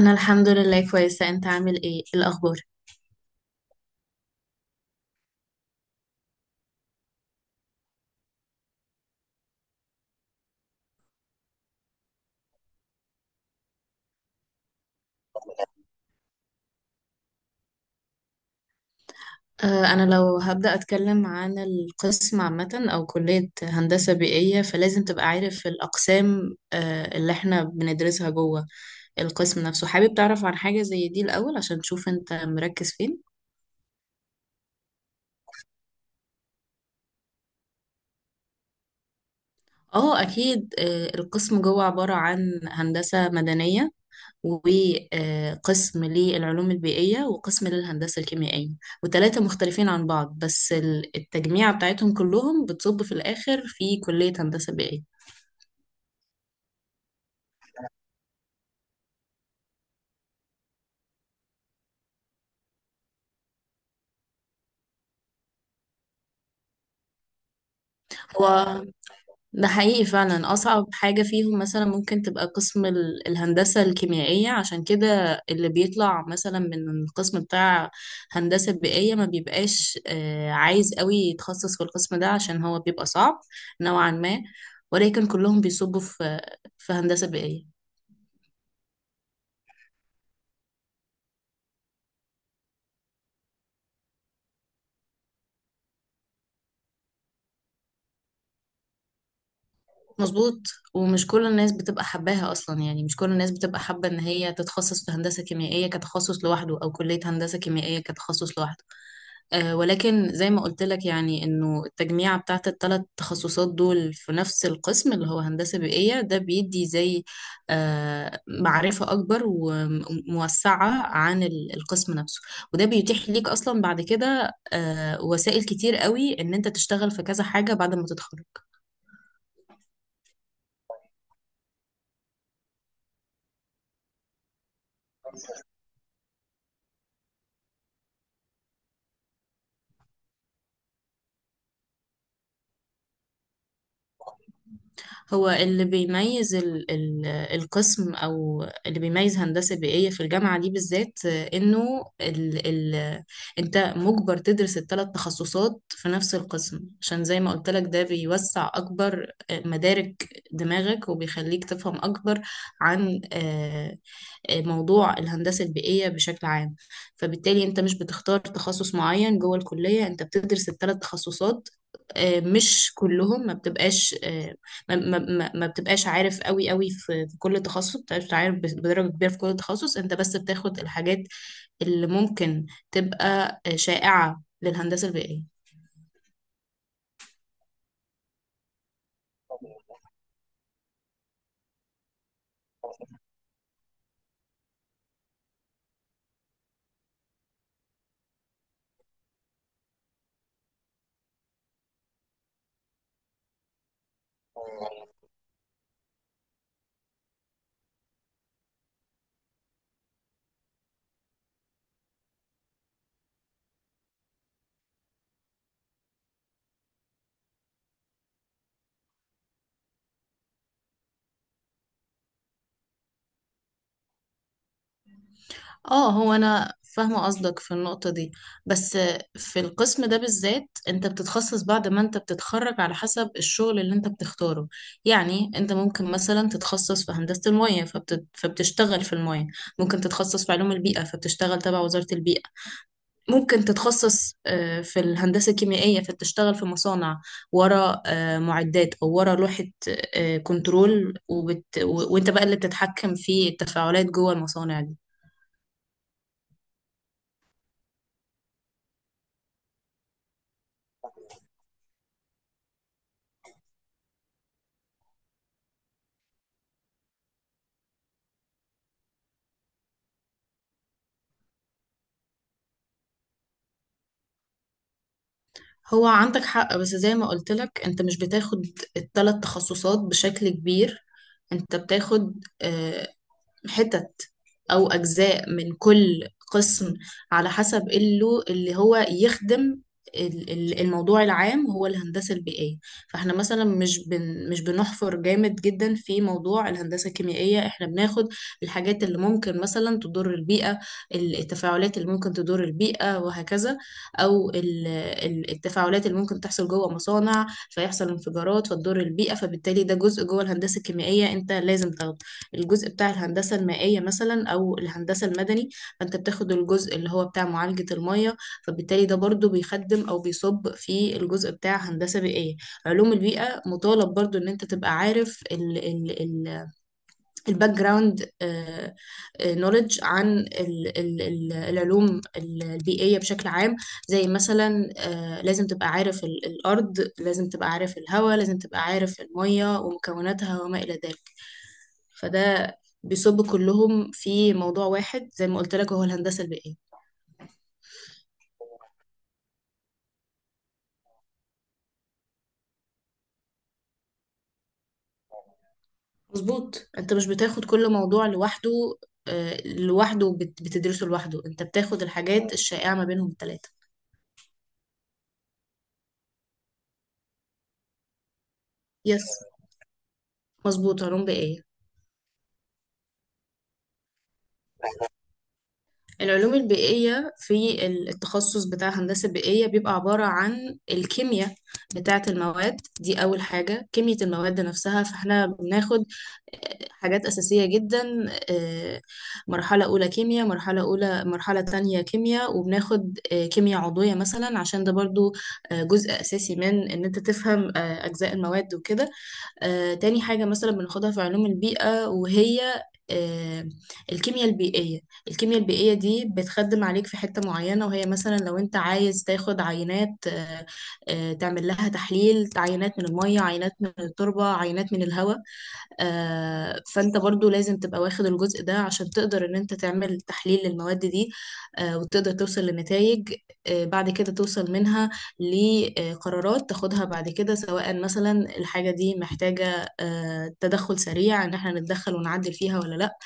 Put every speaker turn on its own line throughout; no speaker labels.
أنا الحمد لله كويسة، أنت عامل إيه؟ إيه الأخبار؟ أنا لو هبدأ أتكلم عن القسم عامة أو كلية هندسة بيئية، فلازم تبقى عارف الأقسام اللي إحنا بندرسها جوه القسم نفسه. حابب تعرف عن حاجة زي دي الأول عشان تشوف أنت مركز فين؟ اه اكيد، القسم جوه عبارة عن هندسة مدنية، وقسم للعلوم البيئية، وقسم للهندسة الكيميائية. وتلاتة مختلفين عن بعض، بس التجميع بتاعتهم كلهم بتصب في الآخر في كلية هندسة بيئية. هو ده حقيقي فعلا أصعب حاجة فيهم، مثلا ممكن تبقى قسم الهندسة الكيميائية، عشان كده اللي بيطلع مثلا من القسم بتاع هندسة بيئية ما بيبقاش عايز قوي يتخصص في القسم ده، عشان هو بيبقى صعب نوعا ما. ولكن كلهم بيصبوا في هندسة بيئية. مظبوط، ومش كل الناس بتبقى حباها اصلا، يعني مش كل الناس بتبقى حابه ان هي تتخصص في هندسه كيميائيه كتخصص لوحده، او كليه هندسه كيميائيه كتخصص لوحده. أه ولكن زي ما قلت لك، يعني انه التجميعه بتاعت الثلاث تخصصات دول في نفس القسم، اللي هو هندسه بيئيه، ده بيدي زي معرفه اكبر وموسعه عن القسم نفسه. وده بيتيح ليك اصلا بعد كده وسائل كتير قوي ان انت تشتغل في كذا حاجه بعد ما تتخرج. هو اللي بيميز ال ال القسم، او اللي بيميز هندسه بيئيه في الجامعه دي بالذات، انه ال ال انت مجبر تدرس الثلاث تخصصات في نفس القسم. عشان زي ما قلت لك، ده بيوسع اكبر مدارك دماغك، وبيخليك تفهم اكبر عن موضوع الهندسة البيئية بشكل عام. فبالتالي انت مش بتختار تخصص معين جوه الكلية، انت بتدرس الثلاث تخصصات. مش كلهم، ما بتبقاش ما بتبقاش عارف قوي قوي في كل تخصص، بتبقاش عارف بدرجة كبيرة في كل تخصص، انت بس بتاخد الحاجات اللي ممكن تبقى شائعة للهندسة البيئية. اه، هو انا فاهمه قصدك في النقطه دي، بس في القسم ده بالذات انت بتتخصص بعد ما انت بتتخرج، على حسب الشغل اللي انت بتختاره. يعني انت ممكن مثلا تتخصص في هندسه المياه، فبتشتغل في المياه. ممكن تتخصص في علوم البيئه فبتشتغل تبع وزاره البيئه. ممكن تتخصص في الهندسه الكيميائيه فبتشتغل في مصانع ورا معدات، او ورا لوحه كنترول، وانت بقى اللي بتتحكم في التفاعلات جوه المصانع دي. هو عندك حق، بس زي ما قلت لك انت مش بتاخد الثلاث تخصصات بشكل كبير، انت بتاخد آه، حتت أو أجزاء من كل قسم، على حسب اللي هو يخدم الموضوع العام، هو الهندسة البيئية. فاحنا مثلا مش بنحفر جامد جدا في موضوع الهندسة الكيميائية، احنا بناخد الحاجات اللي ممكن مثلا تضر البيئة، التفاعلات اللي ممكن تضر البيئة وهكذا. أو التفاعلات اللي ممكن تحصل جوه مصانع فيحصل انفجارات فتضر البيئة، فبالتالي ده جزء جوه الهندسة الكيميائية انت لازم تاخده. الجزء بتاع الهندسة المائية مثلا أو الهندسة المدني، فأنت بتاخد الجزء اللي هو بتاع معالجة المية، فبالتالي ده برضو بيخدم أو بيصب في الجزء بتاع هندسة بيئية. علوم البيئة مطالب برضو إن أنت تبقى عارف ال ال ال الباك جراوند نولج عن ال ال ال العلوم البيئية بشكل عام، زي مثلا لازم تبقى عارف الأرض، لازم تبقى عارف الهواء، لازم تبقى عارف المية ومكوناتها وما إلى ذلك. فده بيصب كلهم في موضوع واحد زي ما قلت لك، هو الهندسة البيئية. مظبوط، انت مش بتاخد كل موضوع لوحده لوحده، بتدرسه لوحده، انت بتاخد الحاجات الشائعة ما بينهم الثلاثة. يس، مظبوط، علوم بيئية. العلوم البيئية في التخصص بتاع هندسة بيئية بيبقى عبارة عن الكيمياء بتاعة المواد دي. أول حاجة كيمياء المواد نفسها، فاحنا بناخد حاجات أساسية جدا، آه، مرحلة أولى كيمياء، مرحلة أولى مرحلة تانية كيمياء، وبناخد كيمياء عضوية مثلا، عشان ده برضو جزء أساسي من إن أنت تفهم أجزاء المواد وكده. تاني حاجة مثلا بناخدها في علوم البيئة وهي آه، الكيمياء البيئية. الكيمياء البيئية دي بتخدم عليك في حتة معينة، وهي مثلا لو انت عايز تاخد عينات تعمل لها تحليل، عينات من المية، عينات من التربة، عينات من الهواء. فانت برضو لازم تبقى واخد الجزء ده عشان تقدر ان انت تعمل تحليل للمواد دي، وتقدر توصل لنتائج، بعد كده توصل منها لقرارات تاخدها بعد كده، سواء مثلا الحاجة دي محتاجة تدخل سريع ان احنا نتدخل ونعدل فيها ولا لا.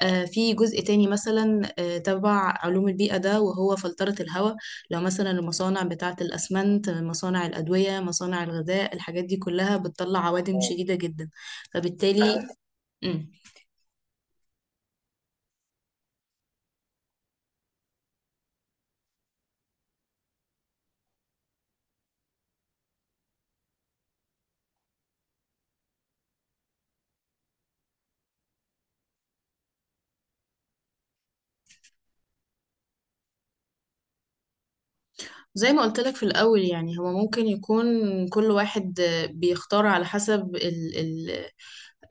في جزء تاني مثلا تبع علوم البيئة ده، وهو فلترة الهواء. لو مثلا المصانع بتاعة الأسمنت، مصانع الأدوية، مصانع الغذاء، الحاجات دي كلها بتطلع عوادم شديدة جدا. فبالتالي مم. زي ما قلت لك في الأول، يعني هو ممكن يكون كل واحد بيختار على حسب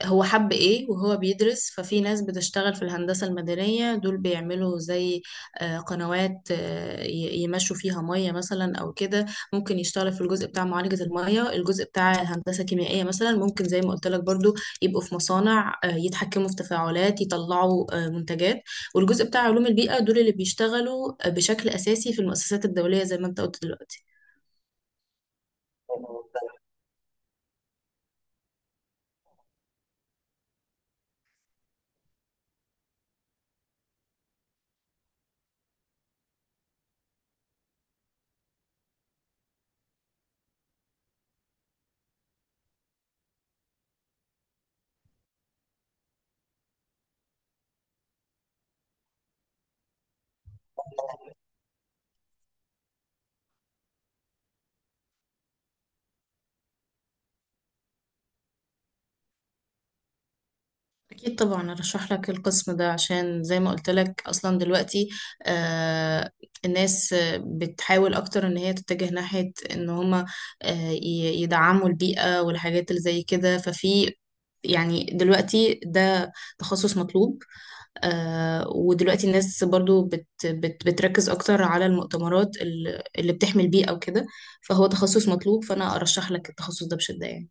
هو حب ايه وهو بيدرس. ففي ناس بتشتغل في الهندسة المدنية، دول بيعملوا زي قنوات يمشوا فيها مية مثلا او كده. ممكن يشتغل في الجزء بتاع معالجة المية. الجزء بتاع الهندسة الكيميائية مثلا ممكن زي ما قلت لك برضو يبقوا في مصانع يتحكموا في تفاعلات، يطلعوا منتجات. والجزء بتاع علوم البيئة دول اللي بيشتغلوا بشكل اساسي في المؤسسات الدولية، زي ما انت قلت دلوقتي. أكيد طبعا أرشح لك القسم ده، عشان زي ما قلت لك أصلا دلوقتي آه الناس بتحاول أكتر إن هي تتجه ناحية إن هما يدعموا البيئة والحاجات اللي زي كده. ففي، يعني دلوقتي ده تخصص مطلوب. ودلوقتي الناس برضو بت بت بتركز أكتر على المؤتمرات اللي بتحمي البيئة وكده. فهو تخصص مطلوب، فأنا أرشح لك التخصص ده بشدة يعني.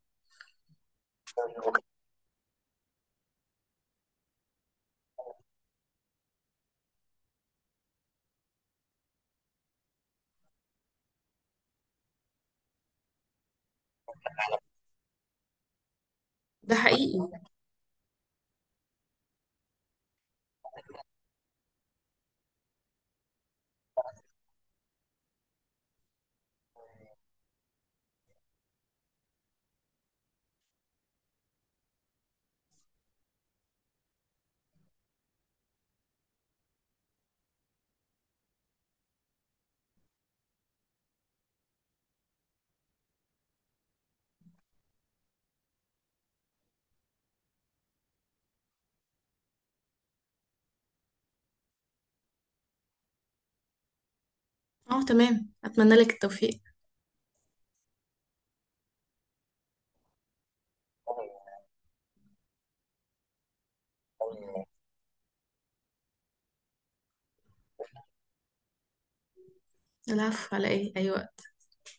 ده حقيقي. اه تمام، أتمنى لك التوفيق. العفو، على ايه، ايوه.